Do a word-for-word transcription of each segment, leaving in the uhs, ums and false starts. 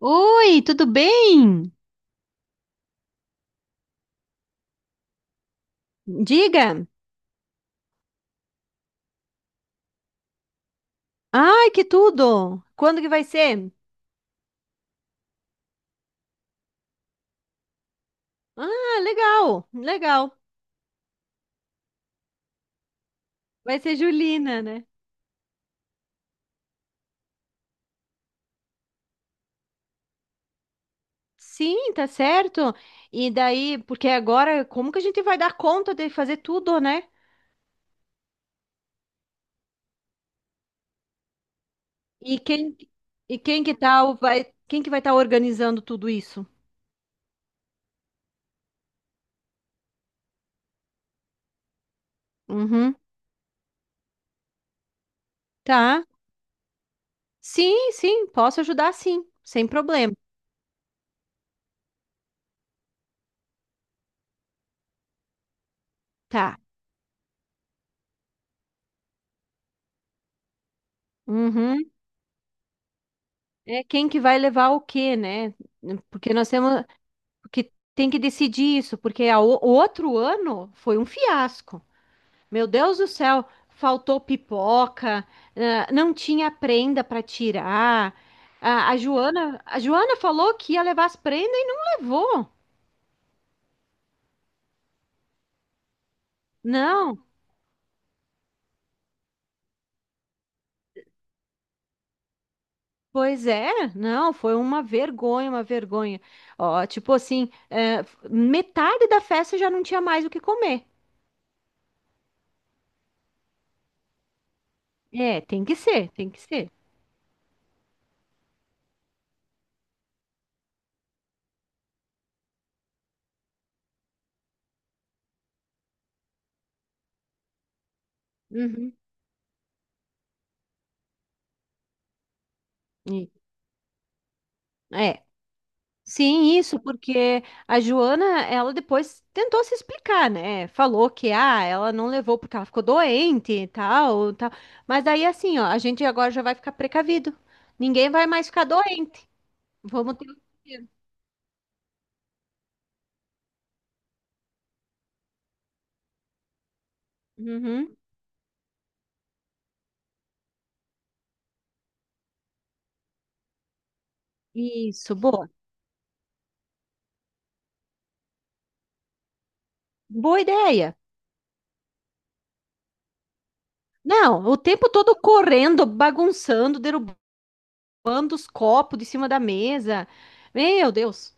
Oi, tudo bem? Diga. Ai, que tudo! Quando que vai ser? Ah, legal, legal. Vai ser Julina, né? Sim, tá certo. E daí, porque agora, como que a gente vai dar conta de fazer tudo, né? E quem e quem que tá o- vai, quem que vai estar organizando tudo isso? Uhum, tá. Sim, sim, posso ajudar sim, sem problema. Tá. Uhum. É quem que vai levar o quê, né? Porque nós temos Porque tem que decidir isso, porque a o o outro ano foi um fiasco. Meu Deus do céu, faltou pipoca, ah, não tinha prenda para tirar. A, a Joana, a Joana falou que ia levar as prendas e não levou. Não, pois é, não, foi uma vergonha, uma vergonha. Ó, tipo assim, eh, metade da festa já não tinha mais o que comer. É, tem que ser, tem que ser. Uhum. E- É. Sim, isso, porque a Joana, ela depois tentou se explicar, né? Falou que ah, ela não levou porque ela ficou doente e tal, tal. Mas aí assim, ó, a gente agora já vai ficar precavido. Ninguém vai mais ficar doente. Vamos ter o dinheiro. Uhum. Isso, boa. Boa ideia. Não, o tempo todo correndo, bagunçando, derrubando os copos de cima da mesa. Meu Deus.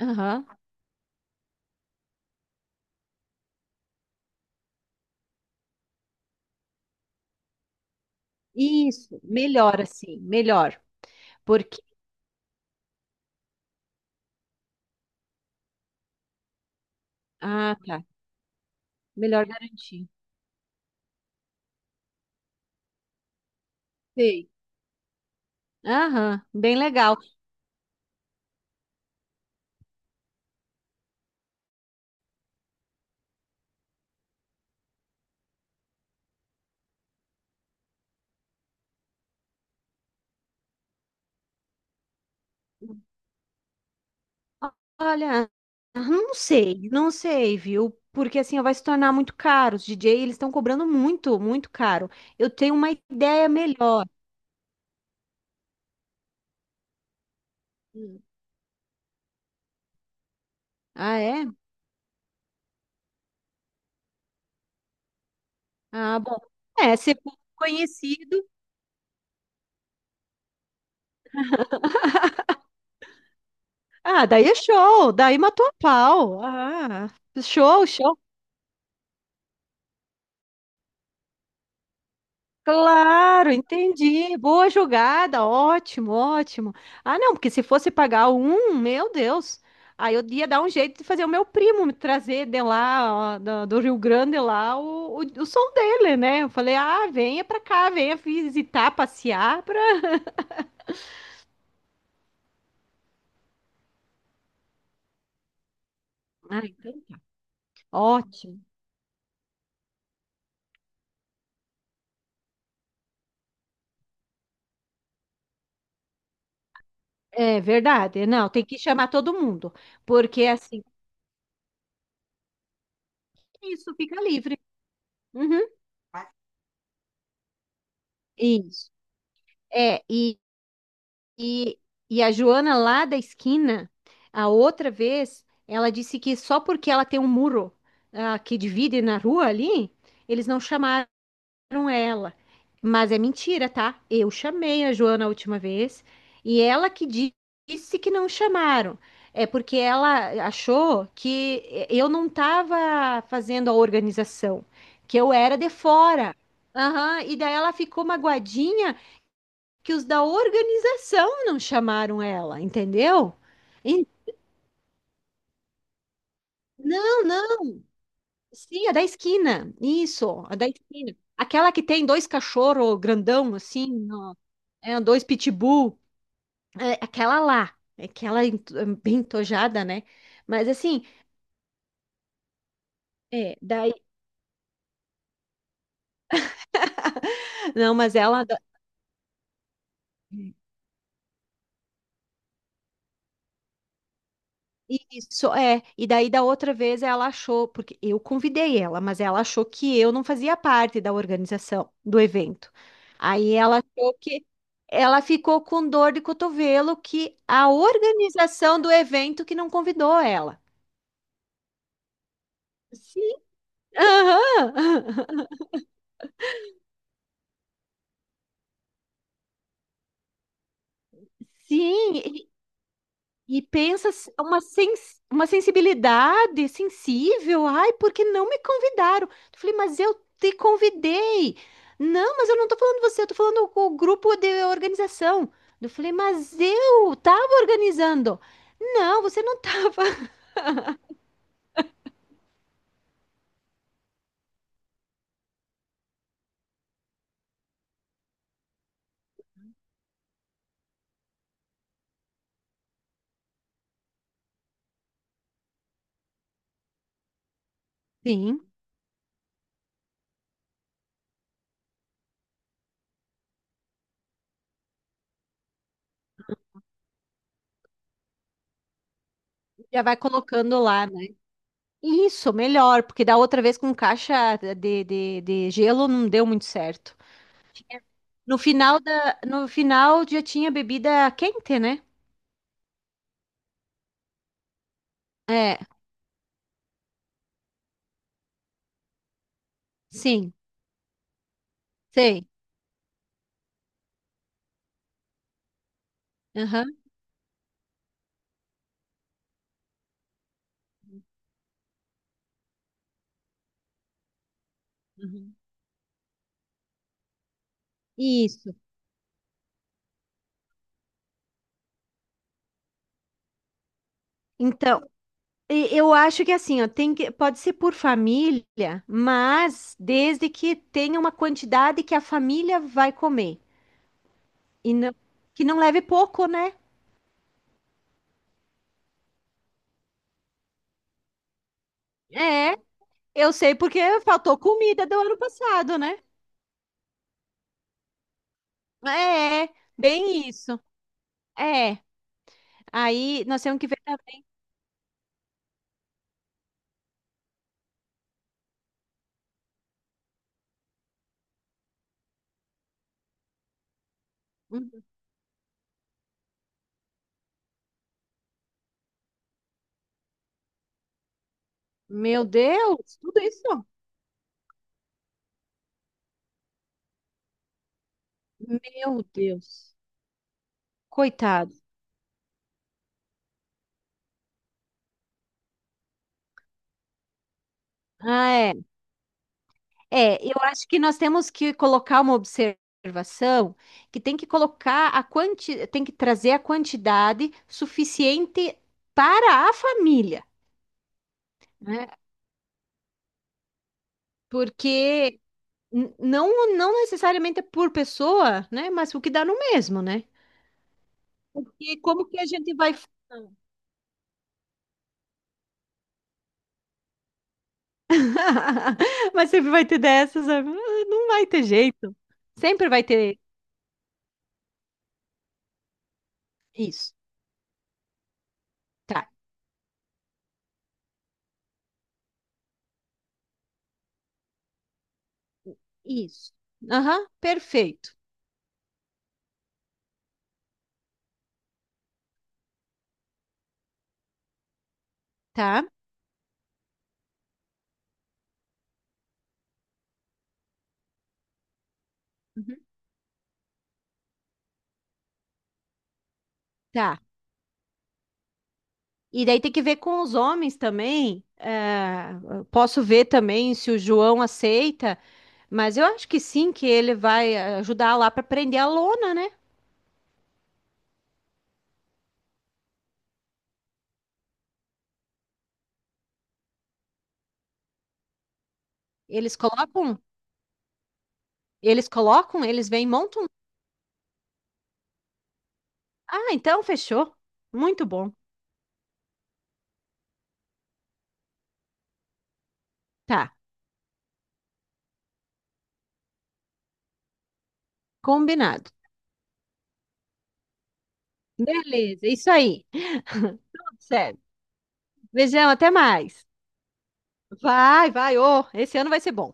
Aham. Isso, melhor assim, melhor. Porque Ah, tá. Melhor garantir. Sei. Aham, bem legal. Olha, não sei, não sei, viu? Porque assim vai se tornar muito caro. Os D J, eles estão cobrando muito, muito caro. Eu tenho uma ideia melhor. Hum. Ah, é? Ah, bom. É, se for conhecido. Ah, daí é show, daí matou a pau. Ah, show, show. Claro, entendi. Boa jogada, ótimo, ótimo. Ah, não, porque se fosse pagar um, meu Deus, aí eu ia dar um jeito de fazer o meu primo me trazer de lá, ó, do, do Rio Grande lá, o, o, o som dele, né? Eu falei, ah, venha pra cá, venha visitar, passear pra. Ah, então tá. Ótimo. É verdade. Não, tem que chamar todo mundo, porque assim, isso fica livre. Uhum. Isso. É, E, e a Joana lá da esquina, a outra vez, ela disse que só porque ela tem um muro, ah, que divide na rua ali, eles não chamaram ela. Mas é mentira, tá? Eu chamei a Joana a última vez e ela que di- disse que não chamaram. É porque ela achou que eu não estava fazendo a organização, que eu era de fora. Aham, e daí ela ficou magoadinha que os da organização não chamaram ela, entendeu? En- não, não, sim, a da esquina. Isso, a da esquina. Aquela que tem dois cachorros grandão, assim, não- é, dois pitbull. É, aquela lá. É Aquela ento- bem tojada, né? Mas assim, é, daí. Não, mas ela. Isso, é. E daí da outra vez ela achou, porque eu convidei ela, mas ela achou que eu não fazia parte da organização do evento. Aí ela achou que ela ficou com dor de cotovelo que a organização do evento que não convidou ela. Sim. Aham. Sim, e pensa s- uma, sens uma sensibilidade sensível. Ai, porque não me convidaram? Eu falei, mas eu te convidei. Não, mas eu não tô falando você, eu tô falando com o grupo de organização. Eu falei, mas eu tava organizando. Não, você não tava. Sim, já vai colocando lá, né? Isso, melhor, porque da outra vez com caixa de, de, de gelo não deu muito certo. Tinha- No final da, no final já tinha bebida quente, né? É, sim, sei. Aham. Uhum. Isso. Então, e- eu acho que assim, ó, tem que, pode ser por família, mas desde que tenha uma quantidade que a família vai comer e não- que não leve pouco, né? É, eu sei porque faltou comida do ano passado, né? É, bem isso. É. Aí nós temos que ver também. Uhum. Meu Deus, tudo isso? Meu Deus. Coitado. Ah, é. É, eu acho que nós temos que colocar uma observação que tem que colocar a quanti... tem que trazer a quantidade suficiente para a família, né? Porque n- não, não necessariamente é por pessoa, né? Mas o que dá no mesmo, né? Porque como que a gente vai Mas sempre vai ter dessas, né? Ah, não vai ter jeito. Sempre vai ter isso. Tá, isso. Aham, perfeito. Tá? Uhum. Tá. E daí tem que ver com os homens também. Eh, posso ver também se o João aceita, mas eu acho que sim, que ele vai ajudar lá para prender a lona, né? Eles colocam, eles colocam, eles vêm, montam. Ah, então fechou. Muito bom. Tá, combinado. Beleza, isso aí. Tudo certo. Beijão, até mais. Vai, vai, ô, esse ano vai ser bom.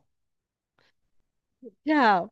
Tchau.